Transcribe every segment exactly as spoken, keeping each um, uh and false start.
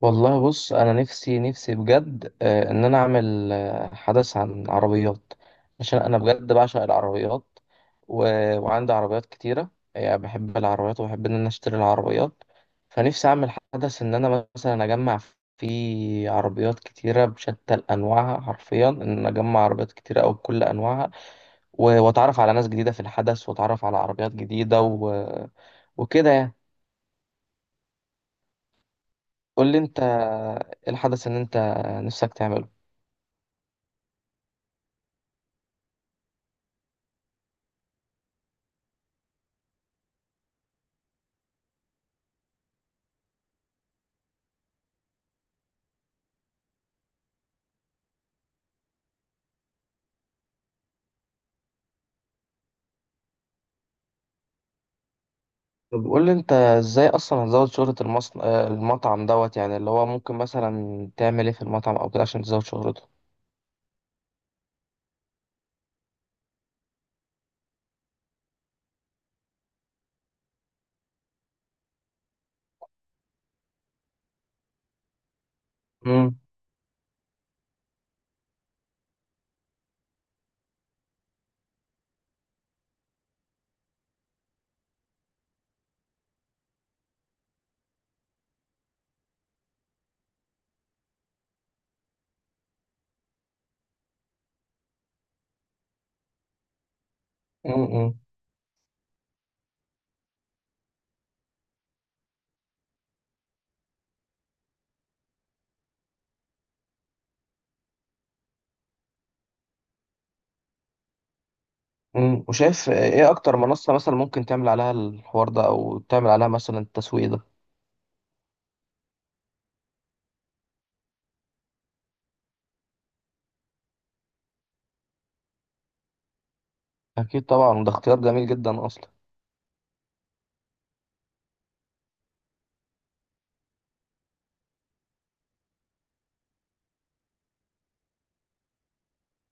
والله بص انا نفسي نفسي بجد، آه، ان انا اعمل، آه، حدث عن عربيات عشان انا بجد بعشق العربيات. و... وعندي عربيات كتيره، يعني بحب العربيات وبحب ان انا اشتري العربيات. فنفسي اعمل حدث ان انا مثلا اجمع فيه عربيات كتيره بشتى انواعها، حرفيا ان أنا اجمع عربيات كتيره او بكل انواعها. و... واتعرف على ناس جديده في الحدث واتعرف على عربيات جديده و... وكده يعني. قول لي انت إيه الحدث ان انت نفسك تعمله؟ طب قول لي انت ازاي اصلا هتزود شهرة المصن... آه، المطعم دوت، يعني اللي هو ممكن مثلا تعمل ايه في المطعم او كده عشان تزود شهرته. امم. امم. امم. وشايف ايه اكتر منصة مثلا ممكن تعمل عليها الحوار ده او تعمل عليها مثلا التسويق ده؟ اكيد طبعا ده اختيار جميل جدا اصلا.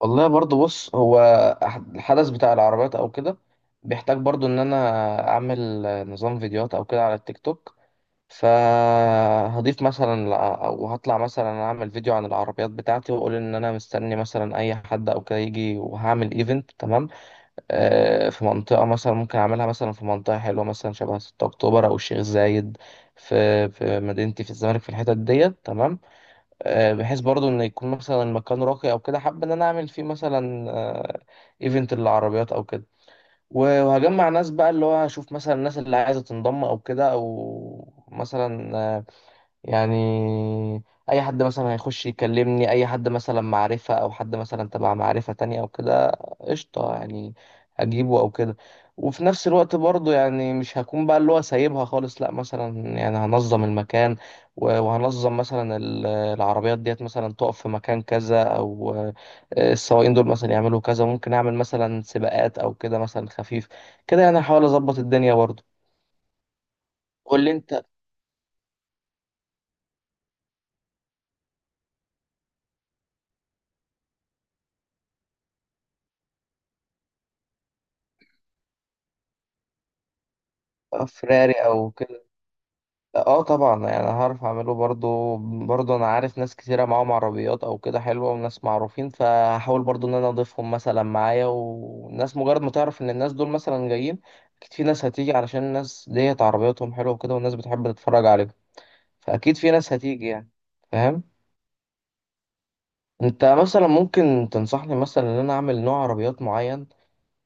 والله برضو بص هو أح- الحدث بتاع العربيات او كده بيحتاج برضو ان انا اعمل نظام فيديوهات او كده على التيك توك. فهضيف مثلا لا- او هطلع مثلا اعمل فيديو عن العربيات بتاعتي واقول ان انا مستني مثلا اي حد او كده يجي وهعمل ايفنت تمام. آه، في منطقه مثلا ممكن اعملها مثلا في منطقه حلوه مثلا شبه ستة اكتوبر او الشيخ زايد، في في مدينتي في الزمالك في الحتت ديت تمام. آه، بحيث برضو ان يكون مثلا المكان راقي او كده، حابب ان انا اعمل فيه مثلا، آه، ايفنت للعربيات او كده. وهجمع ناس بقى اللي هو هشوف مثلا الناس اللي عايزه تنضم او كده، او مثلا، آه، يعني اي حد مثلا هيخش يكلمني اي حد مثلا معرفة او حد مثلا تبع معرفة تانية او كده، قشطة يعني، اجيبه او كده. وفي نفس الوقت برضو يعني مش هكون بقى اللي هو سايبها خالص، لا، مثلا يعني هنظم المكان و- وهنظم مثلا ال- العربيات ديت مثلا تقف في مكان كذا، او آه، السواقين دول مثلا يعملوا كذا، ممكن اعمل مثلا سباقات او كده مثلا خفيف كده يعني، هحاول اظبط الدنيا برضو. قول لي انت. فراري او كده. اه طبعا يعني هعرف اعمله برضو. برضو انا عارف ناس كتيرة معاهم عربيات او كده حلوة وناس معروفين، فهحاول برضو ان انا اضيفهم مثلا معايا، والناس مجرد ما تعرف ان الناس دول مثلا جايين، اكيد في ناس هتيجي علشان الناس ديت عربياتهم حلوة وكده، والناس بتحب تتفرج عليهم، فاكيد في ناس هتيجي يعني. فاهم. انت مثلا ممكن تنصحني مثلا ان انا اعمل نوع عربيات معين؟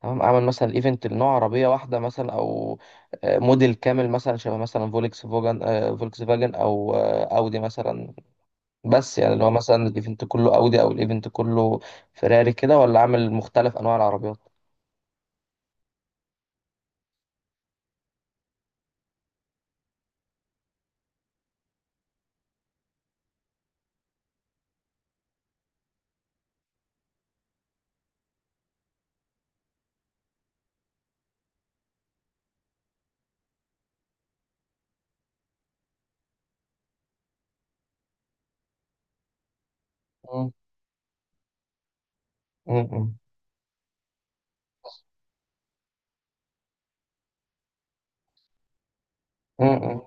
تمام، اعمل مثلا ايفنت لنوع عربية واحدة مثلا، او آه، موديل كامل مثلا شبه مثلا فولكس فوجن، آه، فولكس فاجن، او آه، اودي مثلا. بس يعني اللي هو مثلا الايفنت كله اودي او الايفنت كله فيراري كده، ولا عامل مختلف انواع العربيات؟ مم. مم. مم.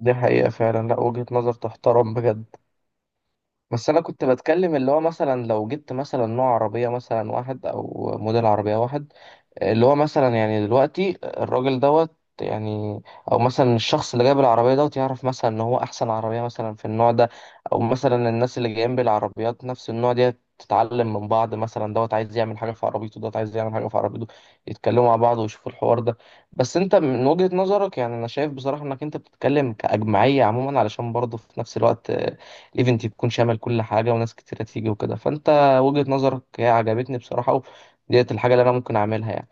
دي حقيقة فعلا، لا وجهة نظر تحترم بجد. بس أنا كنت بتكلم اللي هو مثلا لو جبت مثلا نوع عربية مثلا واحد أو موديل عربية واحد، اللي هو مثلا يعني دلوقتي الراجل دوت يعني، او مثلا الشخص اللي جايب العربيه دوت يعرف مثلا ان هو احسن عربيه مثلا في النوع ده، او مثلا الناس اللي جايين بالعربيات نفس النوع ديت تتعلم من بعض، مثلا دوت عايز يعمل حاجه في عربيته، دوت عايز يعمل حاجه في عربيته، يتكلموا مع بعض ويشوفوا الحوار ده. بس انت من وجهه نظرك يعني انا شايف بصراحه انك انت بتتكلم كاجمعيه عموما، علشان برضه في نفس الوقت آه، الايفنت يكون شامل كل حاجه وناس كتيره تيجي وكده، فانت وجهه نظرك هي عجبتني بصراحه، وديت الحاجه اللي انا ممكن اعملها يعني.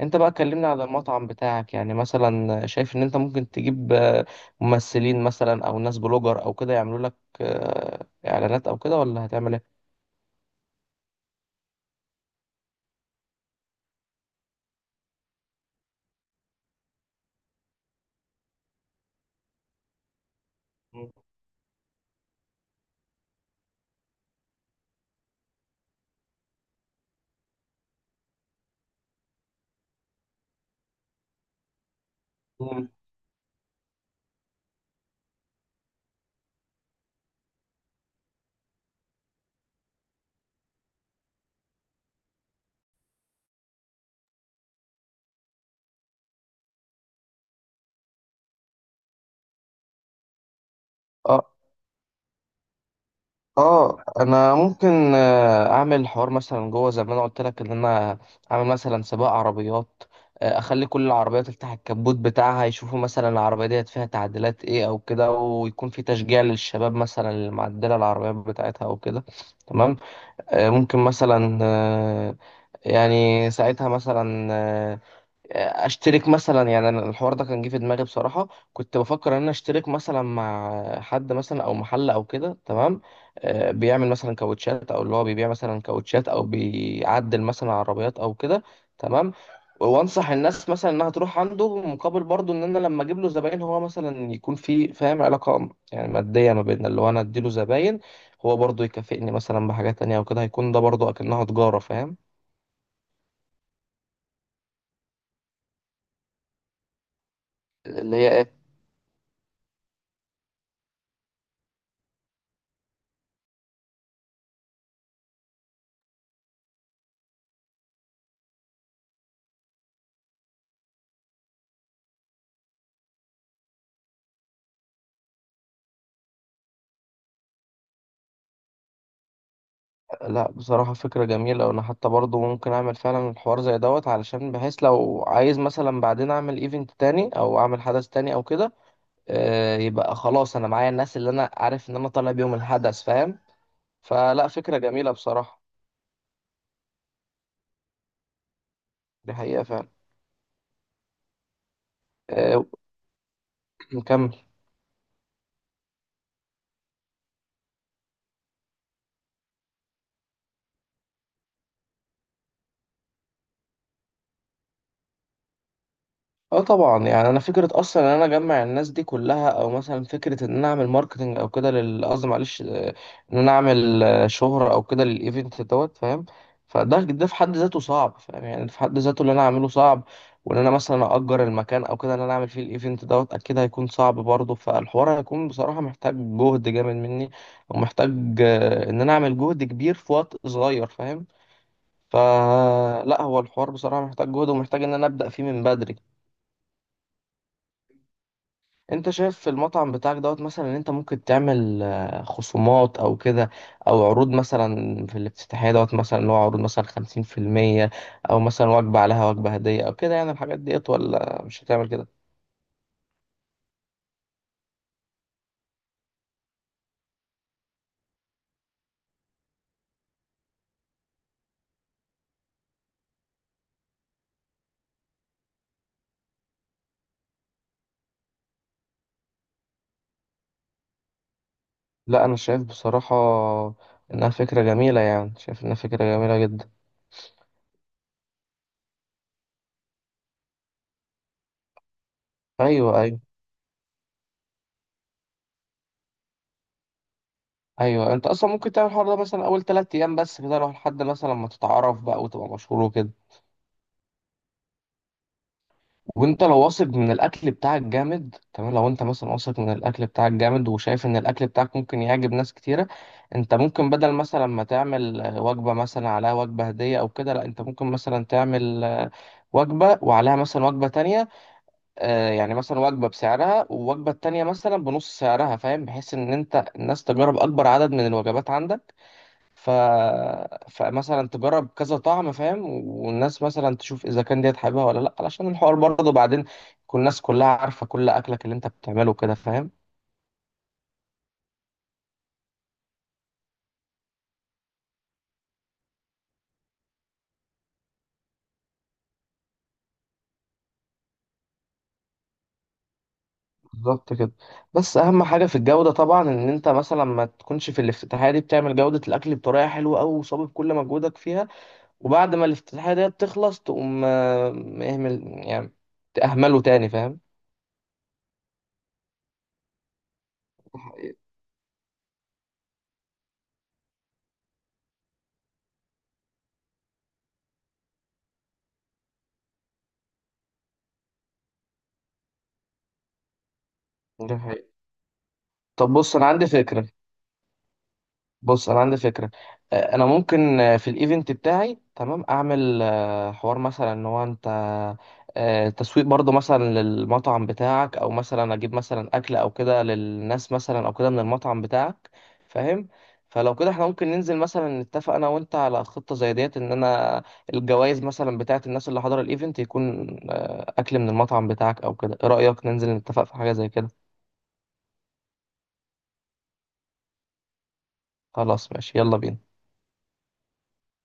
انت بقى كلمنا على المطعم بتاعك، يعني مثلا شايف ان انت ممكن تجيب آه، ممثلين مثلا او ناس بلوجر او كده يعملوا لك آه، اعلانات او كده، ولا هتعمل ايه؟ مم. اه. اه انا ممكن آه، اعمل حوار مثلا جوه زي ما انا قلت لك ان انا اعمل مثلا سباق عربيات. آه، اخلي كل العربيات تفتح الكبوت بتاعها يشوفوا مثلا العربيه ديت فيها تعديلات ايه او كده، ويكون في تشجيع للشباب مثلا اللي معدله العربيات بتاعتها او كده تمام. آه، ممكن مثلا، آه، يعني ساعتها مثلا، آه، اشترك مثلا، يعني أنا الحوار ده كان جه في دماغي بصراحه، كنت بفكر ان انا اشترك مثلا مع حد مثلا او محل او كده تمام. آه، بيعمل مثلا كاوتشات، او اللي هو بيبيع مثلا كاوتشات او بيعدل مثلا عربيات او كده تمام، وانصح الناس مثلا انها تروح عنده، مقابل برضو ان انا لما اجيب له زباين هو مثلا يكون في، فاهم، علاقه يعني ماديه ما بيننا، اللي هو انا اديله زباين هو برضو يكافئني مثلا بحاجات تانية وكده، هيكون ده برضو اكنها تجاره فاهم. اللي هي إيه؟ لا بصراحة فكرة جميلة، وأنا حتى برضو ممكن أعمل فعلا الحوار زي دوت، علشان بحيث لو عايز مثلا بعدين أعمل إيفنت تاني أو أعمل حدث تاني أو كده، آه، يبقى خلاص أنا معايا الناس اللي أنا عارف إن أنا طالع بيهم الحدث، فاهم. فلا فكرة جميلة بصراحة. دي حقيقة فعلا. آه، نكمل. اه طبعا يعني انا فكره اصلا ان انا اجمع الناس دي كلها، او مثلا فكره ان انا اعمل ماركتنج او كده لل، قصدي معلش، آه، ان انا اعمل آه، شهره او كده للايفنت دوت، فاهم. فده ده في حد ذاته صعب، فاهم، يعني ده في حد ذاته اللي انا اعمله صعب، وان انا مثلا اجر المكان او كده ان انا اعمل فيه الايفنت دوت اكيد هيكون صعب برضه، فالحوار هيكون بصراحه محتاج جهد جامد مني، ومحتاج آه، ان انا اعمل جهد كبير في وقت صغير، فاهم. فلا هو الحوار بصراحه محتاج جهد، ومحتاج ان انا ابدا فيه من بدري. انت شايف في المطعم بتاعك دوت مثلا ان انت ممكن تعمل آه، خصومات او كده، او عروض مثلا في الافتتاحية دوت مثلا اللي هو عروض مثلا خمسين في المية، او مثلا وجبة عليها وجبة هدية او كده، يعني الحاجات ديت، ولا مش هتعمل كده؟ لا انا شايف بصراحة، انها فكرة جميلة، يعني شايف انها فكرة جميلة جدا. ايوه ايوه. ايوه انت اصلا ممكن تعمل الحوار ده مثلا اول ثلاث ايام بس كده لو لحد مثلا ما تتعرف بقى وتبقى مشهور وكده. وانت لو واثق من الاكل بتاعك جامد تمام، لو انت مثلا واثق من الاكل بتاعك جامد وشايف ان الاكل بتاعك ممكن يعجب ناس كتيره، انت ممكن بدل مثلا ما تعمل آه، وجبه مثلا عليها وجبه هديه او كده، لا انت ممكن مثلا تعمل آه، وجبه وعليها مثلا وجبه تانية، آه، يعني مثلا وجبه بسعرها والوجبه التانية مثلا بنص سعرها، فاهم، بحيث ان انت الناس تجرب اكبر عدد من الوجبات عندك. ف... فمثلا تجرب كذا طعم، فاهم، والناس مثلا تشوف اذا كان ديت حاببها ولا لا، علشان الحوار برضه بعدين تكون الناس كلها عارفه كل اكلك اللي انت بتعمله كده، فاهم. بالظبط كده. بس اهم حاجه في الجوده طبعا، ان انت مثلا ما تكونش في الافتتاحيه دي بتعمل جوده الاكل بطريقه حلوه قوي وصابب كل مجهودك فيها، وبعد ما الافتتاحيه ديت تخلص تقوم آه، اهمل، يعني تأهمله تاني، فاهم. ده حقيقي. طب بص انا عندي فكره. بص انا عندي فكره، آه، انا ممكن آه، في الايفنت بتاعي تمام اعمل آه، حوار مثلا ان هو انت آه، تسويق برضو مثلا للمطعم بتاعك، او مثلا اجيب مثلا اكل او كده للناس مثلا او كده من المطعم بتاعك، فاهم. فلو كده احنا ممكن ننزل مثلا نتفق انا وانت على خطه زي ديت، ان انا الجوائز مثلا بتاعت الناس اللي حضر الايفنت يكون آه، اكل من المطعم بتاعك او كده، ايه رايك ننزل نتفق في حاجه زي كده؟ خلاص ماشي يلا بينا.